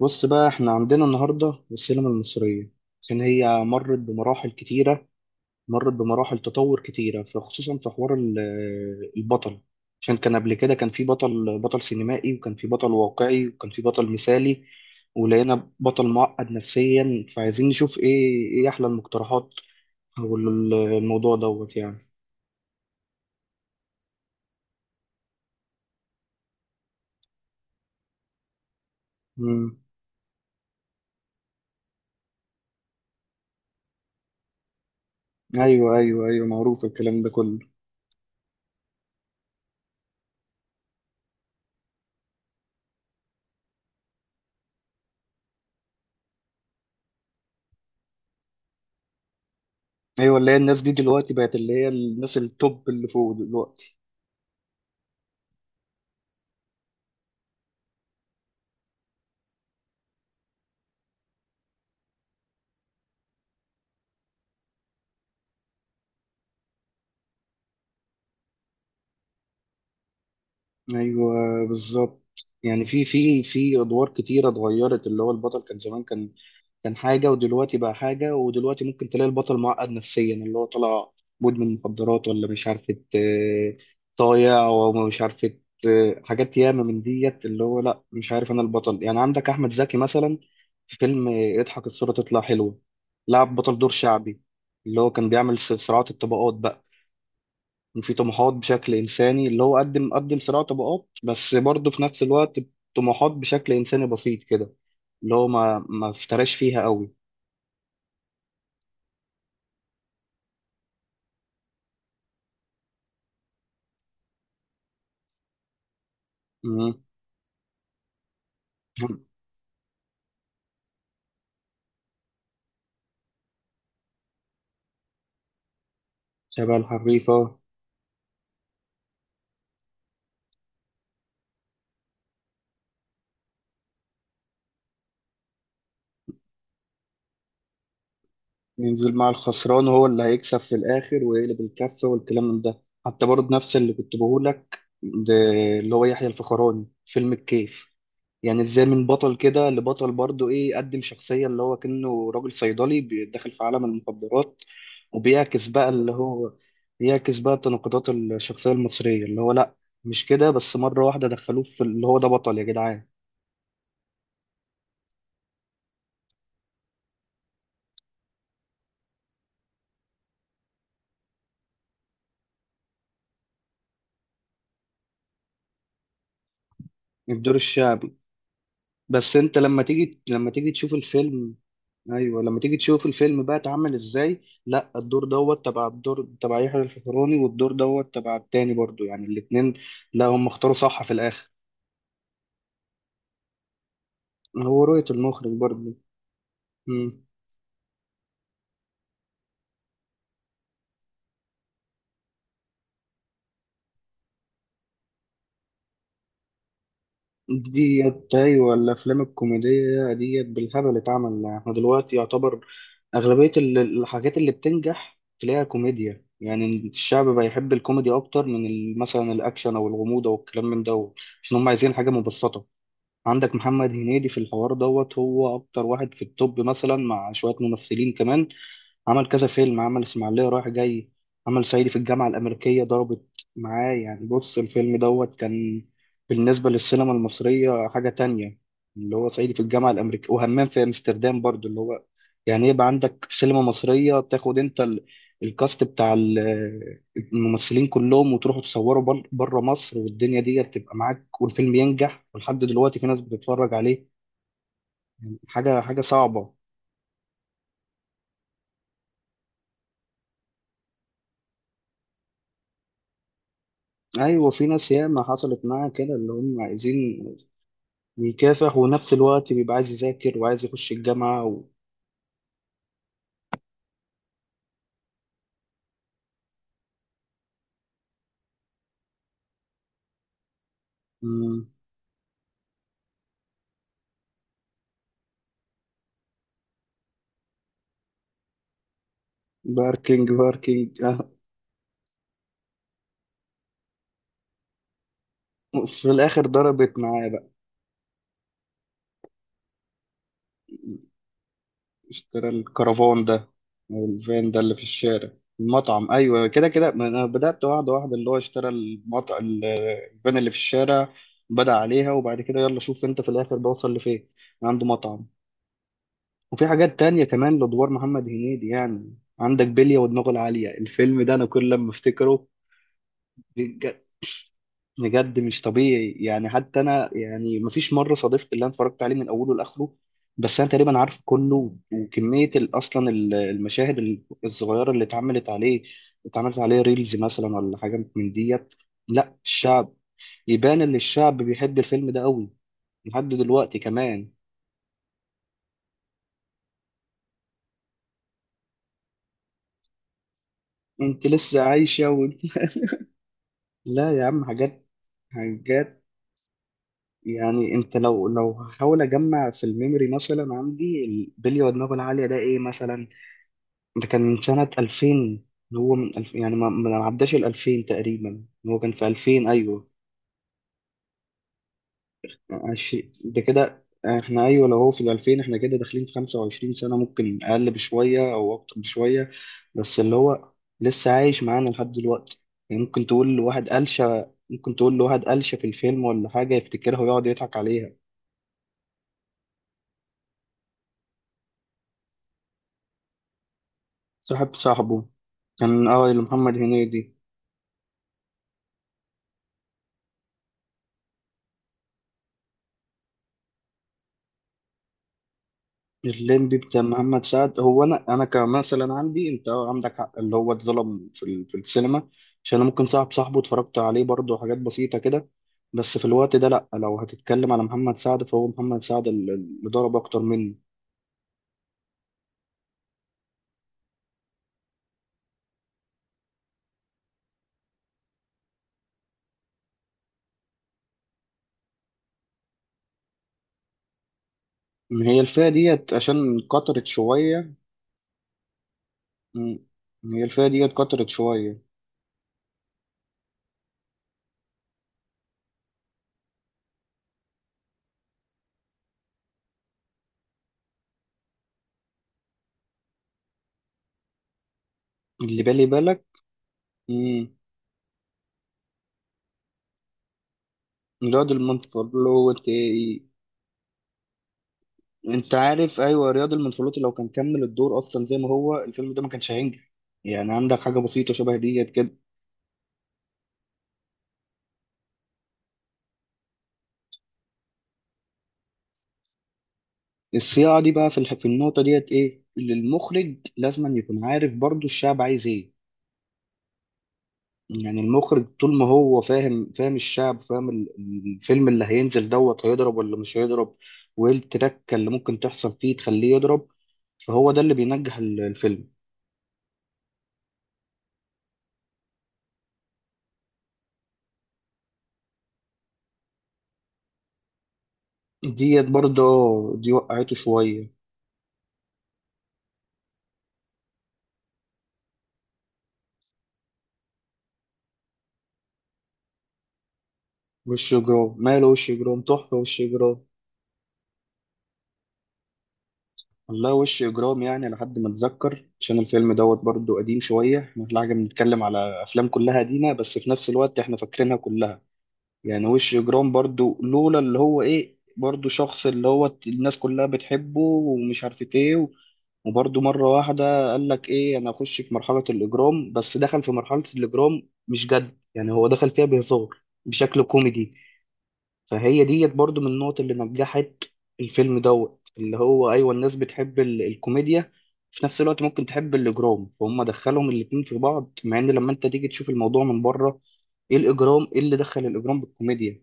بص بقى احنا عندنا النهارده السينما المصريه، عشان هي مرت بمراحل كتيره. مرت بمراحل تطور كتيره، فخصوصا في حوار البطل. عشان كان قبل كده كان في بطل سينمائي، وكان في بطل واقعي، وكان في بطل مثالي. ولقينا بطل معقد نفسيا، فعايزين نشوف ايه احلى المقترحات، او الموضوع دوت يعني. مم. ايوه، ايوه، ايوه، معروف الكلام ده كله. ايوه، اللي هي الناس دي دلوقتي بقت اللي هي الناس التوب اللي فوق دلوقتي. ايوه بالظبط. يعني في ادوار كتيره اتغيرت، اللي هو البطل كان زمان كان حاجه، ودلوقتي بقى حاجه، ودلوقتي ممكن تلاقي البطل معقد نفسيا اللي هو طلع مدمن مخدرات ولا مش عارفه، طايع ومش عارفه حاجات ياما من ديت، اللي هو لا مش عارف انا البطل. يعني عندك احمد زكي مثلا في فيلم اضحك الصوره تطلع حلوه، لعب بطل دور شعبي، اللي هو كان بيعمل صراعات الطبقات بقى، وفي طموحات بشكل انساني. اللي هو قدم صراع طبقات، بس برضه في نفس الوقت طموحات بشكل انساني بسيط كده، اللي هو ما افتراش فيها قوي. مم. شبه الحريفة. ينزل مع الخسران، هو اللي هيكسب في الآخر ويقلب الكفة. والكلام من ده حتى برضه نفس اللي كنت بقولك ده، اللي هو يحيى الفخراني فيلم الكيف. يعني ازاي من بطل كده لبطل برضه ايه؟ قدم شخصية اللي هو كأنه راجل صيدلي بيدخل في عالم المخدرات، وبيعكس بقى اللي هو بيعكس بقى تناقضات الشخصية المصرية، اللي هو لا مش كده بس، مرة واحدة دخلوه في اللي هو ده بطل يا جدعان. الدور الشعبي. بس انت لما تيجي، تشوف الفيلم، ايوه لما تيجي تشوف الفيلم بقى اتعمل ازاي، لا الدور دوت تبع، الدور تبع يحيى الفخراني، والدور دوت تبع التاني برضو، يعني الاتنين. لا هم اختاروا صح في الاخر. هو رؤية المخرج برضو. مم. ديت، ايوه الافلام الكوميديه ديت بالهبل اتعمل. احنا دلوقتي يعتبر اغلبيه الحاجات اللي بتنجح تلاقيها كوميديا. يعني الشعب بقى يحب الكوميدي اكتر من مثلا الاكشن او الغموض او الكلام من ده، عشان هم عايزين حاجه مبسطه. عندك محمد هنيدي في الحوار دوت هو اكتر واحد في التوب، مثلا مع شويه ممثلين كمان. عمل كذا فيلم، عمل اسماعيلية رايح جاي، عمل صعيدي في الجامعة الأمريكية. ضربت معاه يعني، بص الفيلم دوت كان بالنسبة للسينما المصرية حاجة تانية. اللي هو صعيدي في الجامعة الأمريكية، وهمام في أمستردام برضو، اللي هو يعني يبقى عندك في سينما مصرية تاخد أنت الكاست بتاع الممثلين كلهم، وتروحوا تصوروا بره مصر، والدنيا دي تبقى معاك، والفيلم ينجح ولحد دلوقتي في ناس بتتفرج عليه. يعني حاجة صعبة. ايوه في ناس ياما حصلت معاها كده، اللي هم عايزين بيكافح، ونفس الوقت بيبقى عايز يذاكر وعايز يخش الجامعة و... مم. باركينج باركينج آه. في الآخر ضربت معاه بقى، اشترى الكرفان ده، أو الفان ده اللي في الشارع. المطعم أيوة، كده كده. ما أنا بدأت واحدة واحدة، اللي هو اشترى المطعم، الفان اللي في الشارع، بدأ عليها، وبعد كده يلا شوف أنت في الآخر بوصل لفين، عنده مطعم. وفي حاجات تانية كمان لأدوار محمد هنيدي يعني. عندك بلية ودماغه العالية. الفيلم ده أنا كل لما أفتكره، بجد مش طبيعي. يعني حتى انا يعني مفيش مره صادفت اللي انا اتفرجت عليه من اوله لاخره، بس انا تقريبا عارف كله. وكميه اصلا المشاهد الصغيره اللي اتعملت عليه اتعملت عليه ريلز مثلا، ولا حاجه من ديت. لا الشعب، يبان ان الشعب بيحب الفيلم ده قوي، لحد دلوقتي كمان. انت لسه عايشه، وانت لا يا عم، حاجات حاجات. يعني انت لو، هحاول اجمع في الميموري مثلا عندي، البلي ودماغه العاليه ده ايه مثلا؟ ده كان من سنة 2000. اللي هو من ألف، يعني ما عداش ال 2000 تقريبا، هو كان في 2000 أيوه. ده كده احنا، أيوه لو هو في ال 2000، احنا كده داخلين في 25 سنة، ممكن أقل بشوية أو أكتر بشوية. بس اللي هو لسه عايش معانا لحد دلوقتي. يعني ممكن تقول لواحد قلشة، ممكن تقول لواحد قلشة في الفيلم ولا حاجة، يفتكرها ويقعد يضحك عليها. صاحب صاحبه كان، اللي محمد هنيدي. الليمبي بتاع محمد سعد، هو انا، كمثلا عندي، انت عندك حق اللي هو اتظلم في في السينما. عشان انا ممكن صاحب صاحبه اتفرجت عليه برضه، حاجات بسيطه كده، بس في الوقت ده لا، لو هتتكلم على محمد سعد، فهو محمد سعد اللي ضرب اكتر منه. إن هي الفئه ديت عشان كترت شويه. مم. إن هي الفئه ديت كترت شويه. اللي بالي بالك. مم. الواد المنفر له. انت عارف ايوه، رياض المنفلوطي لو كان كمل الدور اصلا زي ما هو، الفيلم ده ما كانش هينجح. يعني عندك حاجه بسيطه شبه ديت كده. الصياعه دي بقى في في النقطه ديت، ايه اللي المخرج لازم يكون عارف برضو الشعب عايز ايه. يعني المخرج طول ما هو فاهم، الشعب، فاهم الفيلم اللي هينزل دوت هيضرب ولا مش هيضرب، وايه التركه اللي ممكن تحصل فيه تخليه يضرب. فهو ده اللي بينجح الفيلم. ديت برضه، دي وقعته شويه. وش جرام، ماله وش جرام، تحفه وش جرام. والله وش إجرام، يعني لحد ما أتذكر، عشان الفيلم دوت برضه قديم شوية. إحنا في الحاجة بنتكلم على أفلام كلها قديمة، بس في نفس الوقت إحنا فاكرينها كلها. يعني وش إجرام برضه، لولا اللي هو إيه برضه، شخص اللي هو الناس كلها بتحبه ومش عارفة إيه. وبرضه مرة واحدة قال لك إيه، أنا أخش في مرحلة الإجرام، بس دخل في مرحلة الإجرام مش جد، يعني هو دخل فيها بهزار، بشكل كوميدي. فهي ديت برضو من النقط اللي نجحت الفيلم دوت. اللي هو ايوه، الناس بتحب الكوميديا، في نفس الوقت ممكن تحب الاجرام، فهم دخلهم الاتنين في بعض. مع ان لما انت تيجي تشوف الموضوع من بره، ايه الاجرام، ايه اللي دخل الاجرام بالكوميديا؟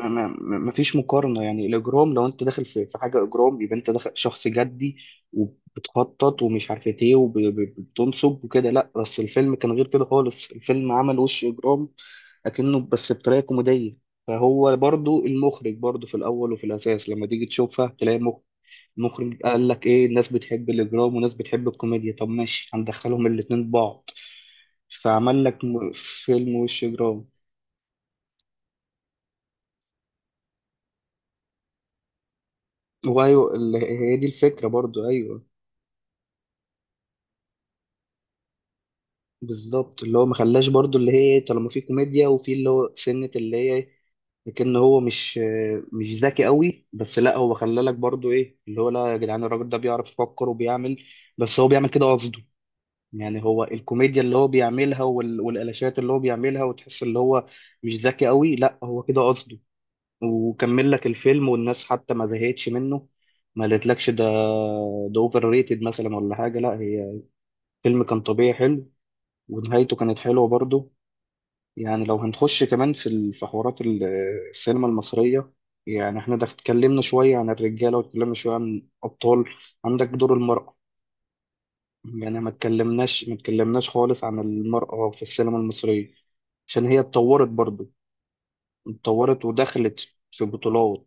ما فيش مقارنة، يعني الإجرام لو أنت داخل في حاجة إجرام، يبقى أنت داخل شخص جدي وبتخطط ومش عارف إيه وبتنصب وكده. لأ، بس الفيلم كان غير كده خالص، الفيلم عمل وش إجرام أكنه، بس بطريقة كوميدية. فهو برضو المخرج برضو في الأول وفي الأساس، لما تيجي تشوفها تلاقي المخرج قال لك إيه، الناس بتحب الإجرام، وناس بتحب الكوميديا، طب ماشي هندخلهم الاتنين ببعض، فعمل لك فيلم وش إجرام. وأيوه هي دي الفكرة برضو، أيوه بالظبط. اللي هو ما خلاش برضو، اللي هي طالما في كوميديا وفي اللي هو سنة اللي هي، لكن هو مش ذكي قوي، بس لا هو خلالك برضو ايه اللي هو، لا يا جدعان الراجل ده بيعرف يفكر وبيعمل، بس هو بيعمل كده قصده. يعني هو الكوميديا اللي هو بيعملها، وال- والقلاشات اللي هو بيعملها، وتحس اللي هو مش ذكي قوي، لا هو كده قصده. وكمل لك الفيلم، والناس حتى ما زهقتش منه، ما قالتلكش ده، ده اوفر ريتد مثلا ولا حاجة. لا، هي الفيلم كان طبيعي حلو، ونهايته كانت حلوة برضه. يعني لو هنخش كمان في في حوارات السينما المصرية، يعني احنا ده اتكلمنا شوية عن الرجالة، واتكلمنا شوية عن أبطال، عندك دور المرأة. يعني ما اتكلمناش خالص عن المرأة في السينما المصرية، عشان هي اتطورت برضو. اتطورت ودخلت في بطولات.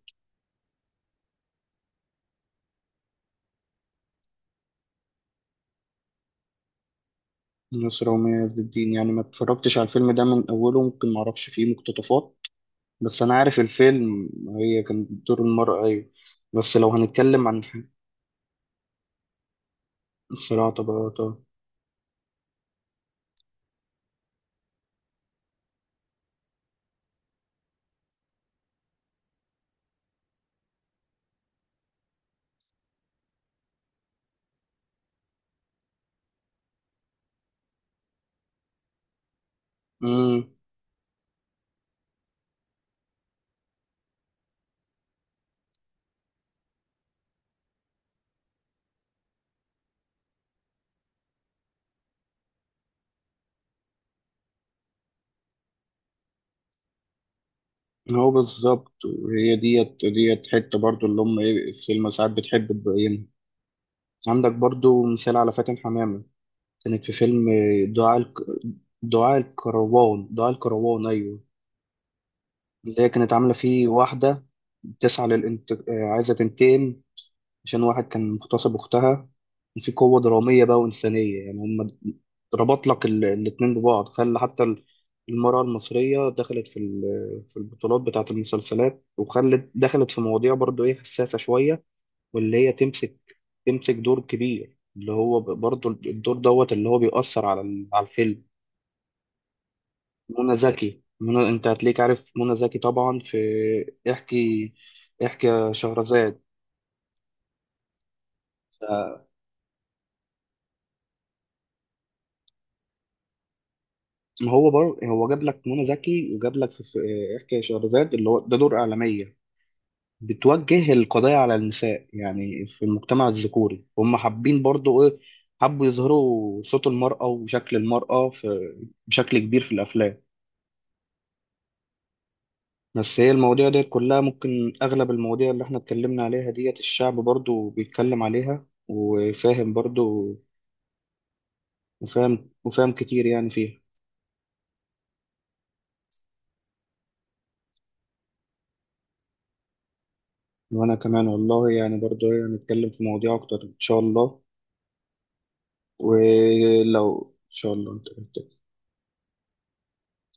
نصر ومية عز الدين، يعني ما اتفرجتش على الفيلم ده من أوله، ممكن ما أعرفش فيه مقتطفات، بس أنا عارف الفيلم، هي كانت دور المرأة أيوة. بس لو هنتكلم عن الصراع طبعا. طبعا هو بالظبط، وهي ديت حتة برضو اللي هم ايه السينما ساعات بتحب تبينها. عندك برضو مثال على فاتن حمامة، كانت في فيلم دعاء الك... دعاء الكروان. دعاء الكروان أيوه، اللي هي كانت عاملة فيه واحدة بتسعى للانت... آه، عايزة تنتقم، عشان واحد كان مغتصب أختها. في قوة درامية بقى وإنسانية، يعني هم ربط لك الاتنين ببعض، خلى حتى المرأة المصرية دخلت في في البطولات بتاعة المسلسلات، دخلت في مواضيع برضو إيه حساسة شوية، واللي هي تمسك دور كبير، اللي هو برضو الدور دوت اللي هو بيأثر على على الفيلم. منى زكي، أنت هتلاقيك عارف منى زكي طبعا في احكي، احكي يا شهرزاد. ما هو برضه هو جاب لك منى زكي، وجاب لك في احكي يا شهرزاد، اللي هو ده دور اعلاميه بتوجه القضايا على النساء. يعني في المجتمع الذكوري هم حابين برضه ايه، حبوا يظهروا صوت المراه وشكل المراه في بشكل كبير في الافلام. بس هي المواضيع ديت كلها ممكن، اغلب المواضيع اللي احنا اتكلمنا عليها ديت، الشعب برضه بيتكلم عليها وفاهم برضه، وفاهم كتير يعني فيها. وانا كمان والله، يعني برضه هنتكلم في مواضيع اكتر ان شاء الله. ولو ان شاء الله انت